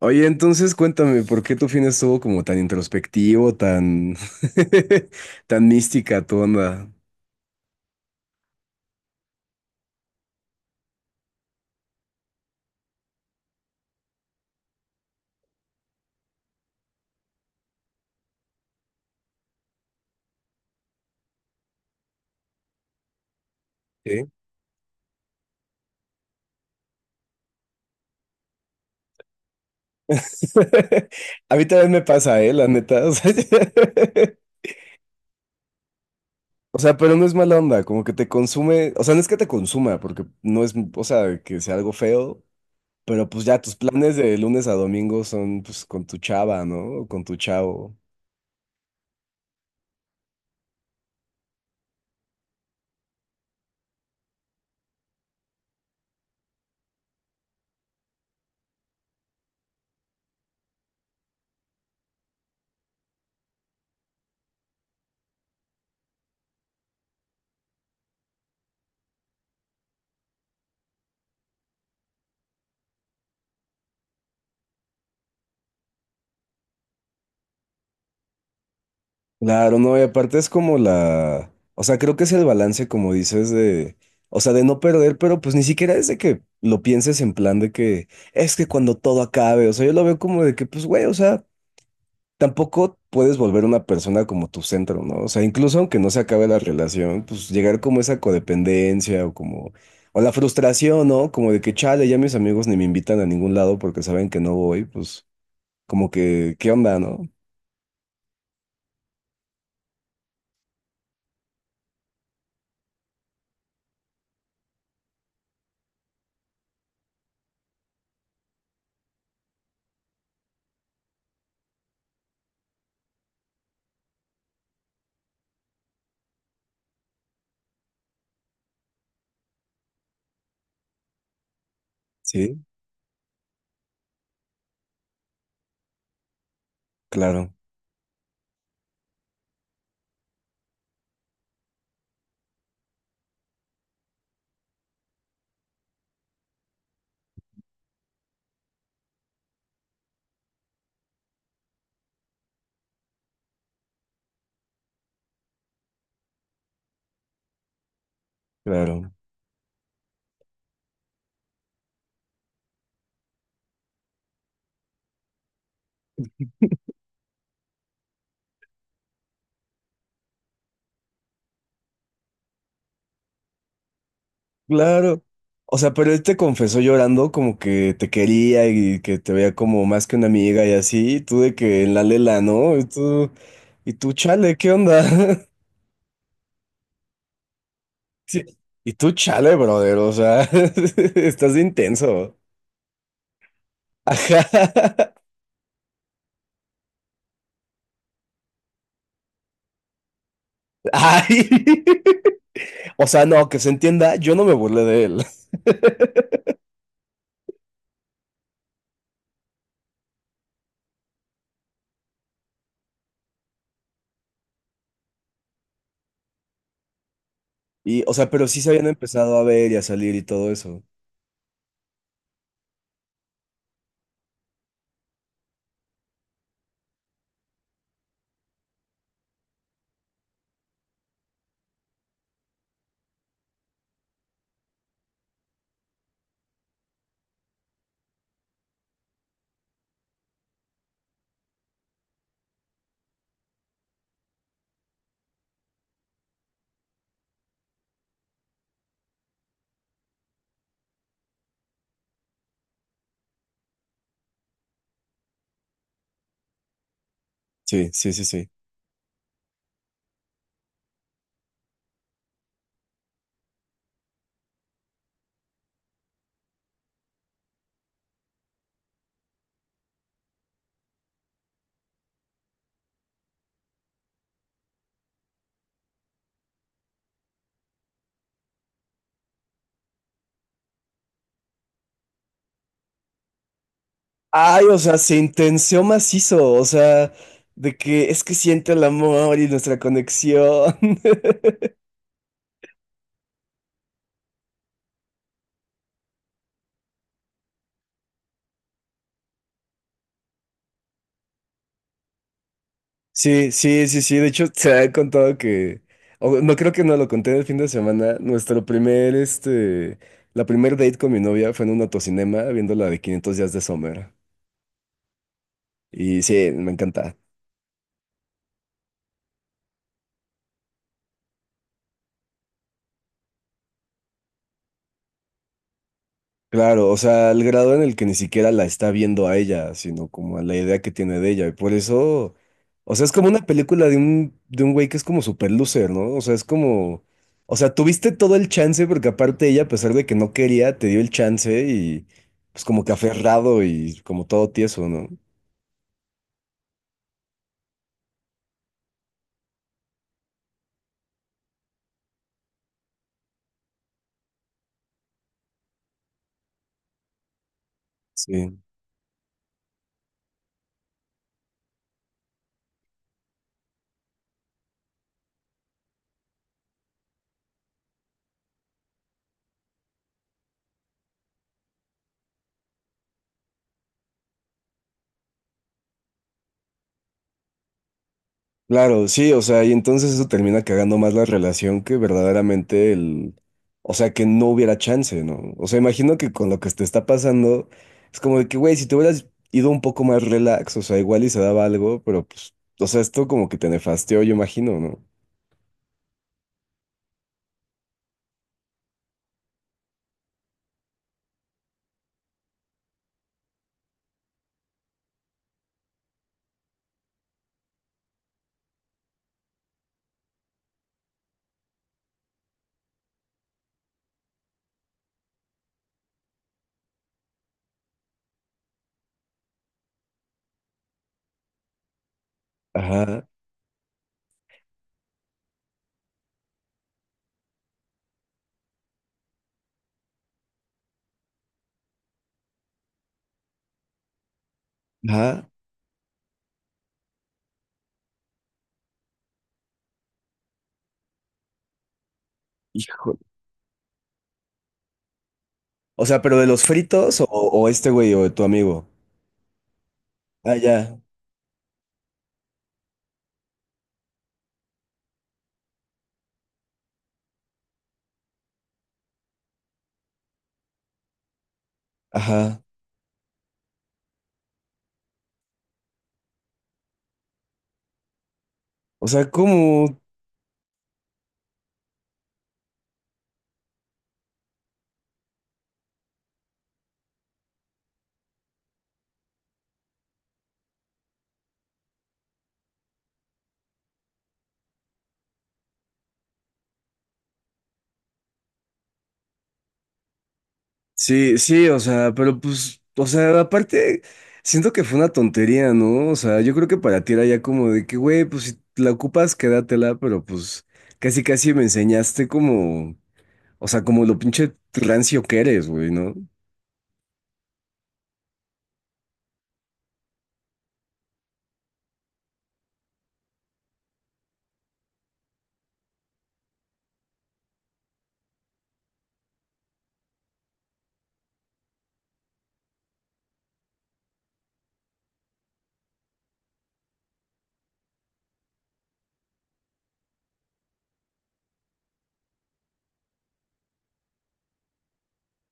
Oye, entonces cuéntame, ¿por qué tu fin estuvo como tan introspectivo, tan, tan mística tu onda? ¿Sí? A mí también me pasa, ¿eh? La neta. O sea, o sea, pero no es mala onda, como que te consume, o sea, no es que te consuma, porque no es, o sea, que sea algo feo, pero pues ya tus planes de lunes a domingo son pues con tu chava, ¿no? O con tu chavo. Claro, no, y aparte es como la, o sea, creo que es el balance, como dices, de, o sea, de no perder, pero pues ni siquiera es de que lo pienses en plan de que es que cuando todo acabe, o sea, yo lo veo como de que, pues, güey, o sea, tampoco puedes volver una persona como tu centro, ¿no? O sea, incluso aunque no se acabe la relación, pues llegar como esa codependencia o como, o la frustración, ¿no? Como de que, chale, ya mis amigos ni me invitan a ningún lado porque saben que no voy, pues, como que, ¿qué onda, no? Sí, claro, claro. Claro. O sea, pero él te confesó llorando como que te quería y que te veía como más que una amiga y así, y tú de que en la lela, ¿no? Y tú, chale, ¿qué onda? Sí. Y tú, chale, brother, o sea, estás de intenso. Ajá. Ay. O sea, no, que se entienda, yo no me burlé de él. Y, o sea, pero sí se habían empezado a ver y a salir y todo eso. Sí, sí, sí, sí. Ay, o sea, se intenció macizo, o sea, de que es que siente el amor y nuestra conexión. Sí, sí, sí, sí, de hecho se ha contado que, o no creo que no lo conté el fin de semana, nuestro primer la primer date con mi novia fue en un autocinema viendo la de 500 días de Sommer. Y sí, me encanta. Claro, o sea, al grado en el que ni siquiera la está viendo a ella, sino como a la idea que tiene de ella. Y por eso, o sea, es como una película de un güey que es como super loser, ¿no? O sea, es como, o sea, tuviste todo el chance porque aparte ella, a pesar de que no quería, te dio el chance y pues como que aferrado y como todo tieso, ¿no? Sí. Claro, sí, o sea, y entonces eso termina cagando más la relación que verdaderamente el, o sea, que no hubiera chance, ¿no? O sea, imagino que con lo que te está pasando, es como de que, güey, si te hubieras ido un poco más relax, o sea, igual y se daba algo, pero pues, o sea, esto como que te nefasteó, yo imagino, ¿no? Ajá, ajá, híjole. O sea, pero de los fritos o este güey o de tu amigo. Ah, ya, ajá. O sea, ¿cómo? Sí, sí, o sea, pero pues, o sea, aparte, siento que fue una tontería, ¿no? O sea, yo creo que para ti era ya como de que, güey, pues si la ocupas, quédatela, pero pues casi casi me enseñaste como, o sea, como lo pinche rancio que eres, güey, ¿no?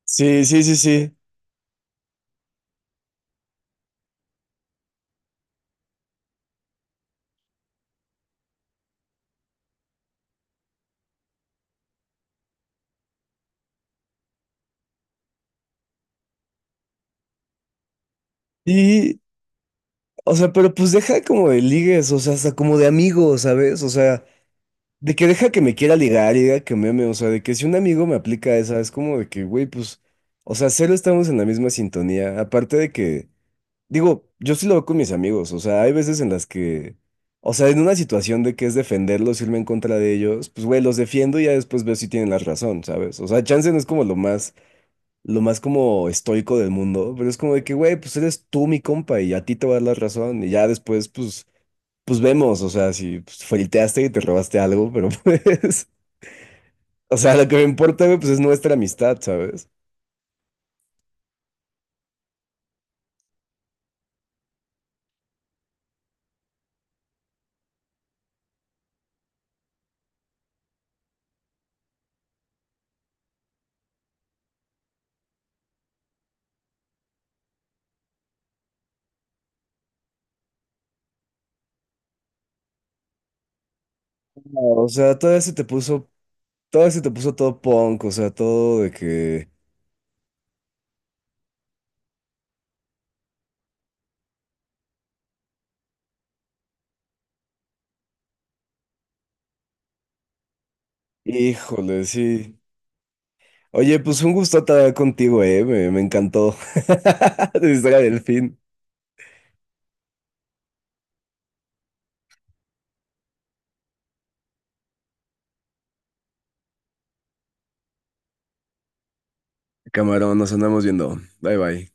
Sí, sí, sí, sí. Y, o sea, pero pues deja como de ligues, o sea, hasta como de amigos, ¿sabes? O sea, de que deja que me quiera ligar y diga que me ame, o sea, de que si un amigo me aplica esa, es como de que, güey, pues, o sea, cero estamos en la misma sintonía. Aparte de que, digo, yo sí lo veo con mis amigos, o sea, hay veces en las que, o sea, en una situación de que es defenderlos, irme en contra de ellos, pues, güey, los defiendo y ya después veo si tienen la razón, ¿sabes? O sea, chance no es como lo más como estoico del mundo, pero es como de que, güey, pues eres tú mi compa y a ti te va a dar la razón y ya después, pues, pues vemos, o sea, si pues, flirteaste y te robaste algo, pero pues. O sea, lo que me importa, güey, pues es nuestra amistad, ¿sabes? No, o sea, todavía se te puso todo punk, o sea, todo de que, híjole, sí. Oye, pues un gusto estar contigo, me encantó. De historia del fin. Camarón, nos andamos viendo. Bye, bye.